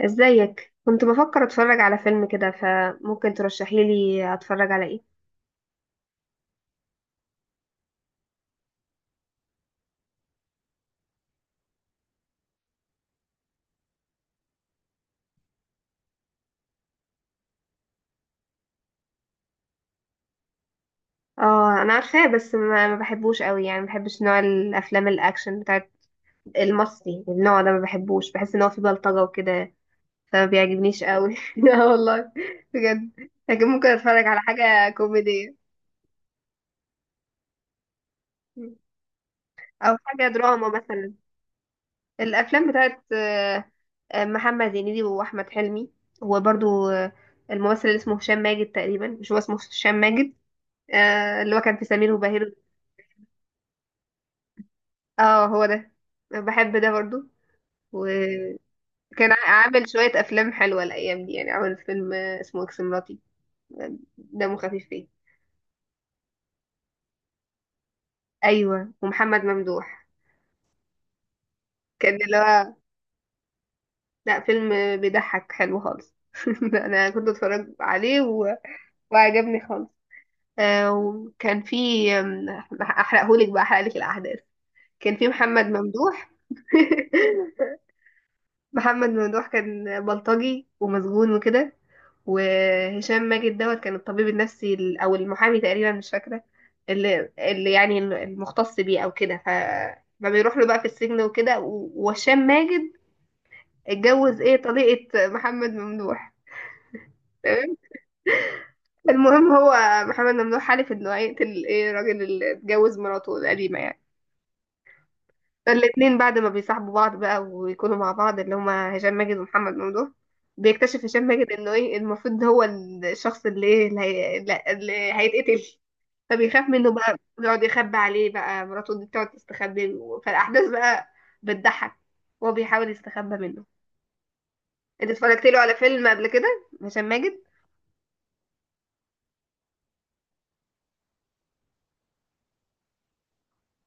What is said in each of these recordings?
ازيك؟ كنت بفكر اتفرج على فيلم كده، فممكن ترشحي لي اتفرج على ايه؟ اه انا عارفاه، بس ما بحبوش قوي يعني، ما بحبش نوع الافلام الاكشن بتاعت المصري، النوع ده ما بحبوش، بحس ان هو فيه بلطجة وكده، فما بيعجبنيش قوي. اه والله، بجد. لكن ممكن اتفرج على حاجة كوميدية او حاجة دراما مثلا. الافلام بتاعت محمد هنيدي واحمد حلمي، وبرضو الممثل اللي اسمه هشام ماجد، تقريبا مش هو اسمه هشام ماجد؟ اللي هو كان في سمير وبهير. اه هو ده، أنا بحب ده برضو. وكان عامل شوية أفلام حلوة الأيام دي، يعني عامل فيلم اسمه إكس مراتي، دمه خفيف فيه. أيوة ومحمد ممدوح. كان اللي هو، لا فيلم بيضحك، حلو خالص. ده أنا كنت اتفرج عليه و... وعجبني خالص. آه وكان في آم، أحرقهولك بقى أحرقلك الأحداث. كان في محمد ممدوح، محمد ممدوح كان بلطجي ومسجون وكده، وهشام ماجد دوت كان الطبيب النفسي او المحامي تقريبا، مش فاكره، اللي يعني المختص بيه او كده. ف ما بيروح له بقى في السجن وكده، و- وهشام ماجد اتجوز ايه طليقه محمد ممدوح. تمام. المهم هو، محمد ممدوح حلف انه هيقتل ايه الراجل اللي اتجوز مراته القديمه يعني، فالاتنين بعد ما بيصاحبوا بعض بقى ويكونوا مع بعض، اللي هما هشام ماجد ومحمد ممدوح، بيكتشف هشام ماجد انه ايه المفروض ده هو الشخص اللي ايه اللي, هي... اللي هيتقتل. فبيخاف منه بقى، بيقعد يخبي عليه بقى، مراته دي بتقعد تستخبى، فالاحداث بقى بتضحك، وهو بيحاول يستخبى منه. انت اتفرجت له على فيلم قبل كده هشام ماجد؟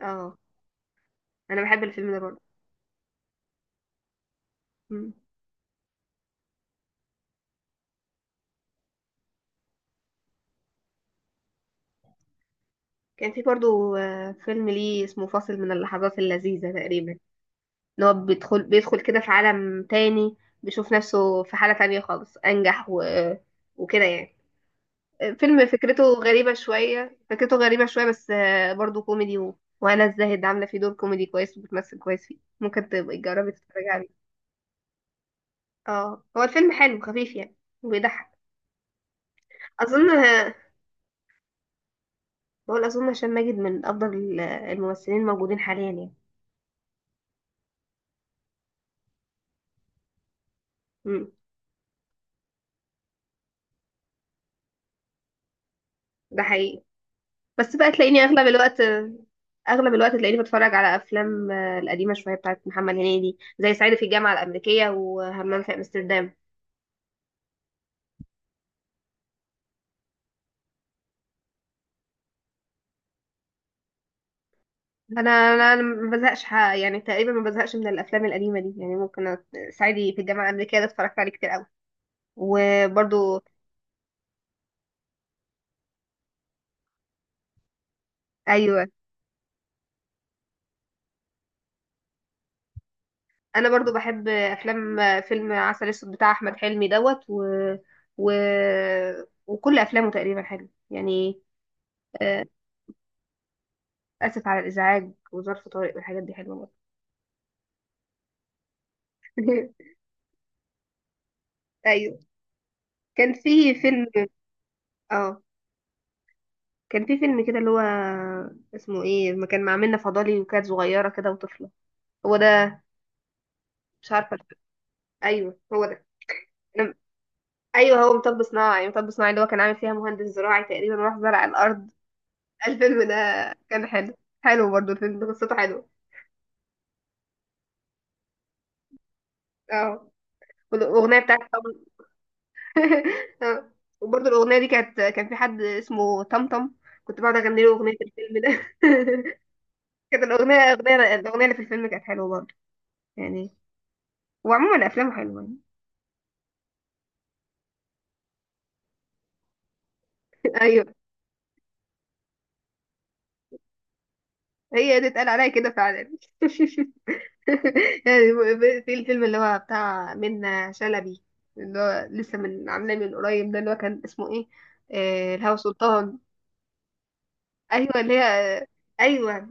اه، انا بحب الفيلم ده برضه. مم. كان في برضه فيلم ليه اسمه فاصل من اللحظات اللذيذة تقريبا، ان هو بيدخل كده في عالم تاني، بيشوف نفسه في حالة تانية خالص انجح و... وكده يعني. فيلم فكرته غريبة شوية، فكرته غريبة شوية، بس برضو كوميدي و... وهنا الزاهد عاملة فيه دور كوميدي كويس، وبتمثل كويس فيه، ممكن تبقي تجربي تتفرجي عليه. اه هو الفيلم حلو، خفيف يعني، وبيضحك. اظن، بقول اظن هشام ماجد من افضل الممثلين الموجودين حاليا يعني. مم. ده حقيقي. بس بقى تلاقيني اغلب الوقت، تلاقيني بتفرج على افلام القديمه شويه، بتاعت محمد هنيدي، زي صعيدي في الجامعه الامريكيه وهمام في امستردام. انا انا أنا ما بزهقش، يعني تقريبا ما بزهقش من الافلام القديمه دي يعني، ممكن صعيدي في الجامعه الامريكيه ده اتفرجت عليه كتير قوي، وبرضو ايوه، انا برضو بحب افلام فيلم عسل اسود بتاع احمد حلمي دوت و... وكل افلامه تقريبا حلوه يعني. آه، اسف على الازعاج، وظرف طارق، والحاجات دي حلوه برضه. ايوه. كان في فيلم، اه كان في فيلم كده اللي هو اسمه ايه، ما كان مع منة فضالي وكانت صغيره كده وطفله. هو ده؟ مش عارفه الفيلم. ايوه هو ده. أنا... ايوه هو مطب صناعي، مطب صناعي اللي هو كان عامل فيها مهندس زراعي تقريبا، وراح زرع الارض. الفيلم ده كان حلو، حلو برضو الفيلم ده، قصته حلوه. اه والاغنيه بتاعت طبعا. اه وبرضو الاغنيه دي كانت، كان في حد اسمه طمطم، كنت بقعد اغني له اغنيه الفيلم ده. كانت الاغنيه اللي في الفيلم كانت حلوه برضو يعني. وعموما افلامه حلوه. ايوه هي دي اتقال عليا كده فعلا. يعني في الفيلم اللي هو بتاع منة شلبي، اللي هو لسه من عاملاه من قريب ده، اللي هو كان اسمه ايه، آه الهوى سلطان. ايوه اللي هي، ايوه.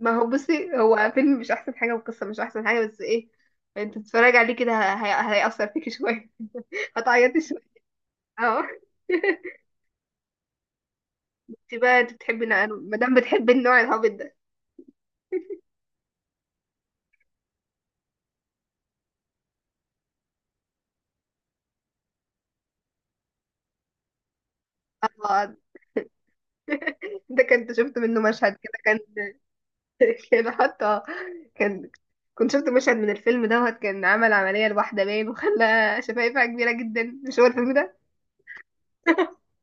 ما هو بصي، هو فيلم مش احسن حاجه، والقصه مش احسن حاجه، بس ايه، انت تتفرجي عليه كده هيأثر فيكي شويه، هتعيطي شويه. اه. انت بقى انت بتحبي، انا ما دام بتحبي النوع الهابط ده. اه ده كنت شفت منه مشهد كده كان. كان حتى، كان كنت شفت مشهد من الفيلم دوت، كان عمل عملية لواحدة باين وخلى شفايفها كبيرة جدا. مش هو الفيلم ده؟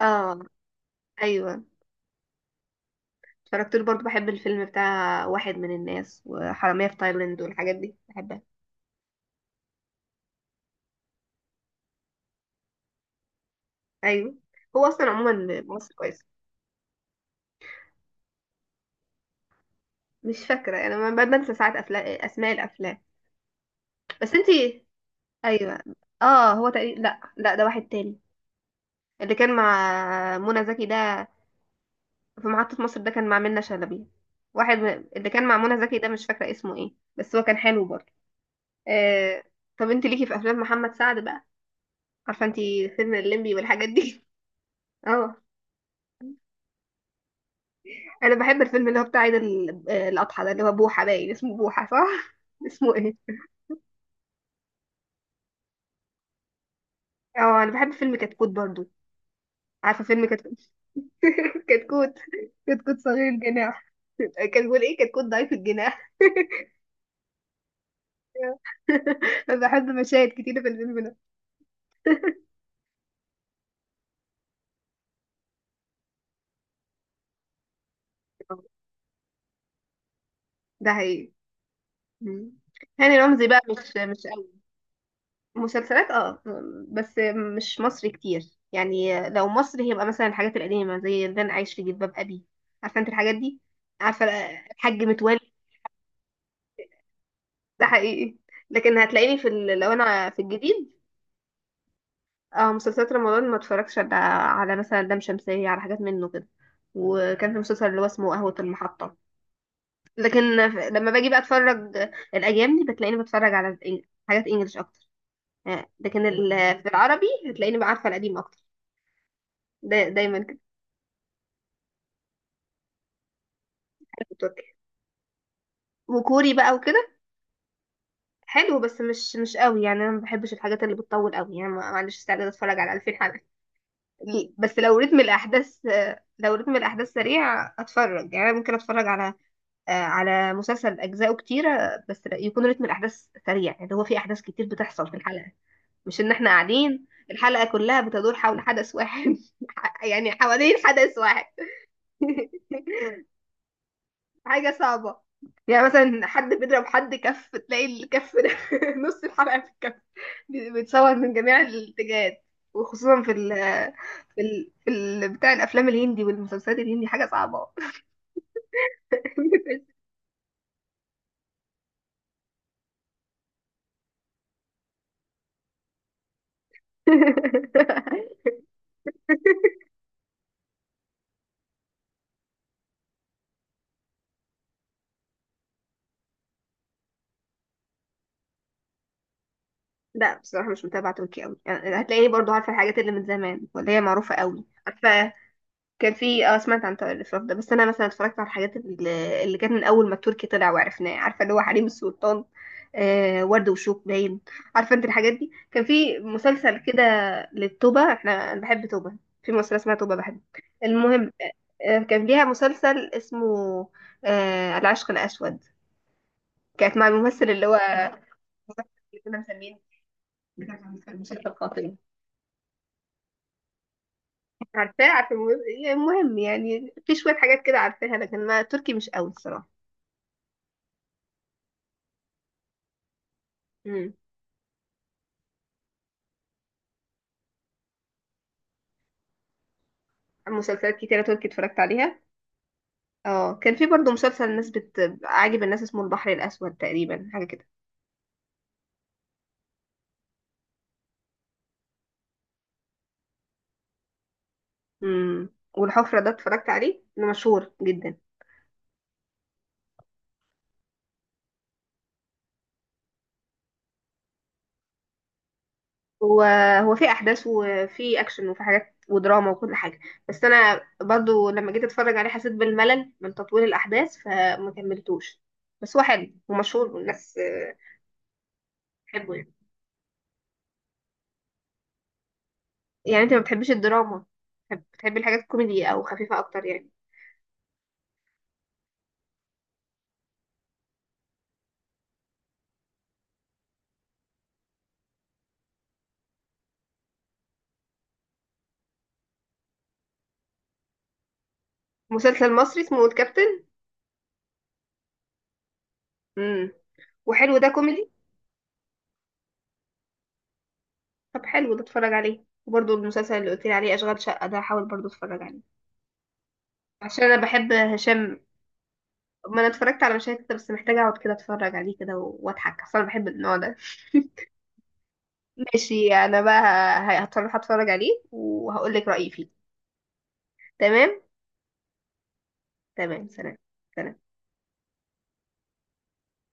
اه ايوه، اتفرجت له برضه. بحب الفيلم بتاع واحد من الناس، وحرامية في تايلاند، والحاجات دي بحبها. ايوه. هو اصلا عموما مصر كويس. مش فاكرة انا، بنسى ساعات افلام، اسماء الافلام. بس انتي، ايوه. اه هو تقريبا، لا لا، ده واحد تاني. اللي كان مع منى زكي ده، في محطة مصر ده كان مع منة شلبي. اللي كان مع منى زكي ده مش فاكرة اسمه ايه، بس هو كان حلو برضه. آه... طب انت ليكي في افلام محمد سعد بقى، عارفة انت فيلم الليمبي والحاجات دي. اه انا بحب الفيلم اللي هو بتاع عيد الاضحى ده اللي هو بوحة باين، اسمه بوحة صح، اسمه ايه. اه انا بحب فيلم كتكوت برضه. عارفة فيلم كتكوت؟ كتكوت، كتكوت صغير الجناح. كان بيقول ايه، كتكوت ضعيف الجناح. بحب مشاهد كتيرة في الفيلم ده. ده حقيقي. مم. هاني رمزي بقى، مش قوي. مسلسلات اه، بس مش مصري كتير. يعني لو مصري هيبقى مثلا الحاجات القديمة، زي ده انا عايش في جلباب ابي، عارفة انت الحاجات دي، عارفة الحاج متولي. ده حقيقي. لكن هتلاقيني في لو انا في الجديد. اه مسلسلات رمضان، ما اتفرجش على مثلا لام شمسية، على حاجات منه كده، وكان في مسلسل اللي هو اسمه قهوة المحطة. لكن لما باجي بقى اتفرج. الايام دي بتلاقيني بتفرج على حاجات انجلش اكتر، لكن في العربي هتلاقيني بقى، عارفه القديم اكتر. دا دايما كده. بحب التركي وكوري بقى وكده. حلو بس مش قوي يعني، انا ما بحبش الحاجات اللي بتطول قوي يعني، ما عنديش استعداد اتفرج على 2000 حلقه. بس لو رتم الاحداث سريع اتفرج يعني. أنا ممكن اتفرج على مسلسل اجزاؤه كتيره، بس يكون رتم الاحداث سريع، يعني هو في احداث كتير بتحصل في الحلقه، مش ان احنا قاعدين الحلقه كلها بتدور حول حدث واحد. يعني حوالين حدث واحد. حاجة صعبة. يعني مثلا حد بيضرب حد كف، تلاقي الكف ده نص الحلقة في الكف، بيتصور من جميع الاتجاهات. وخصوصا في ال في ال في ال بتاع الأفلام الهندي والمسلسلات الهندي، حاجة صعبة. لا بصراحة مش متابعة تركي أوي يعني، هتلاقيني برضو عارفة الحاجات اللي من زمان، واللي هي معروفة أوي، عارفة. كان في اه سمعت عن الإشراف ده، بس أنا مثلا اتفرجت على الحاجات اللي كانت من أول ما التركي طلع وعرفناه، عارفة اللي هو حريم السلطان. آه ورد وشوك باين. عارفة أنت الحاجات دي. كان في مسلسل كده للتوبة، احنا أنا بحب توبة. في مسلسل اسمها توبة بحب. المهم كان ليها مسلسل اسمه العشق الأسود. كانت مع الممثل اللي كنا مسمينه بتاع المسلسل القاتل. عارفاه، عارفة. المهم، يعني في شوية حاجات كده عارفاها. لكن ما تركي مش قوي الصراحة. مم. مسلسلات كتيرة تركي اتفرجت عليها. اه كان في برضو مسلسل عاجب الناس اسمه البحر الأسود تقريبا، حاجة كده. امم والحفرة ده اتفرجت عليه، ده مشهور جدا. هو هو في أحداث، وفي أكشن، وفي حاجات ودراما، وكل حاجة، بس أنا برضو لما جيت أتفرج عليه حسيت بالملل من تطويل الأحداث، فما كملتوش. بس هو حلو ومشهور، والناس بتحبه يعني. يعني أنت ما بتحبش الدراما؟ بتحبي الحاجات الكوميدي أو خفيفة أكتر يعني. مسلسل مصري اسمه الكابتن. امم وحلو ده كوميدي. طب حلو، ده اتفرج عليه، وبرضه المسلسل اللي قلت لي عليه اشغال شقه ده هحاول برضه اتفرج عليه. عشان انا بحب هشام، ما انا اتفرجت على مشاهد كده، بس محتاجه اقعد كده اتفرج عليه كده و- واضحك، اصل انا بحب النوع ده. ماشي انا بقى، هتفرج عليه وهقول لك رايي فيه. تمام. تمام، سلام. سلام.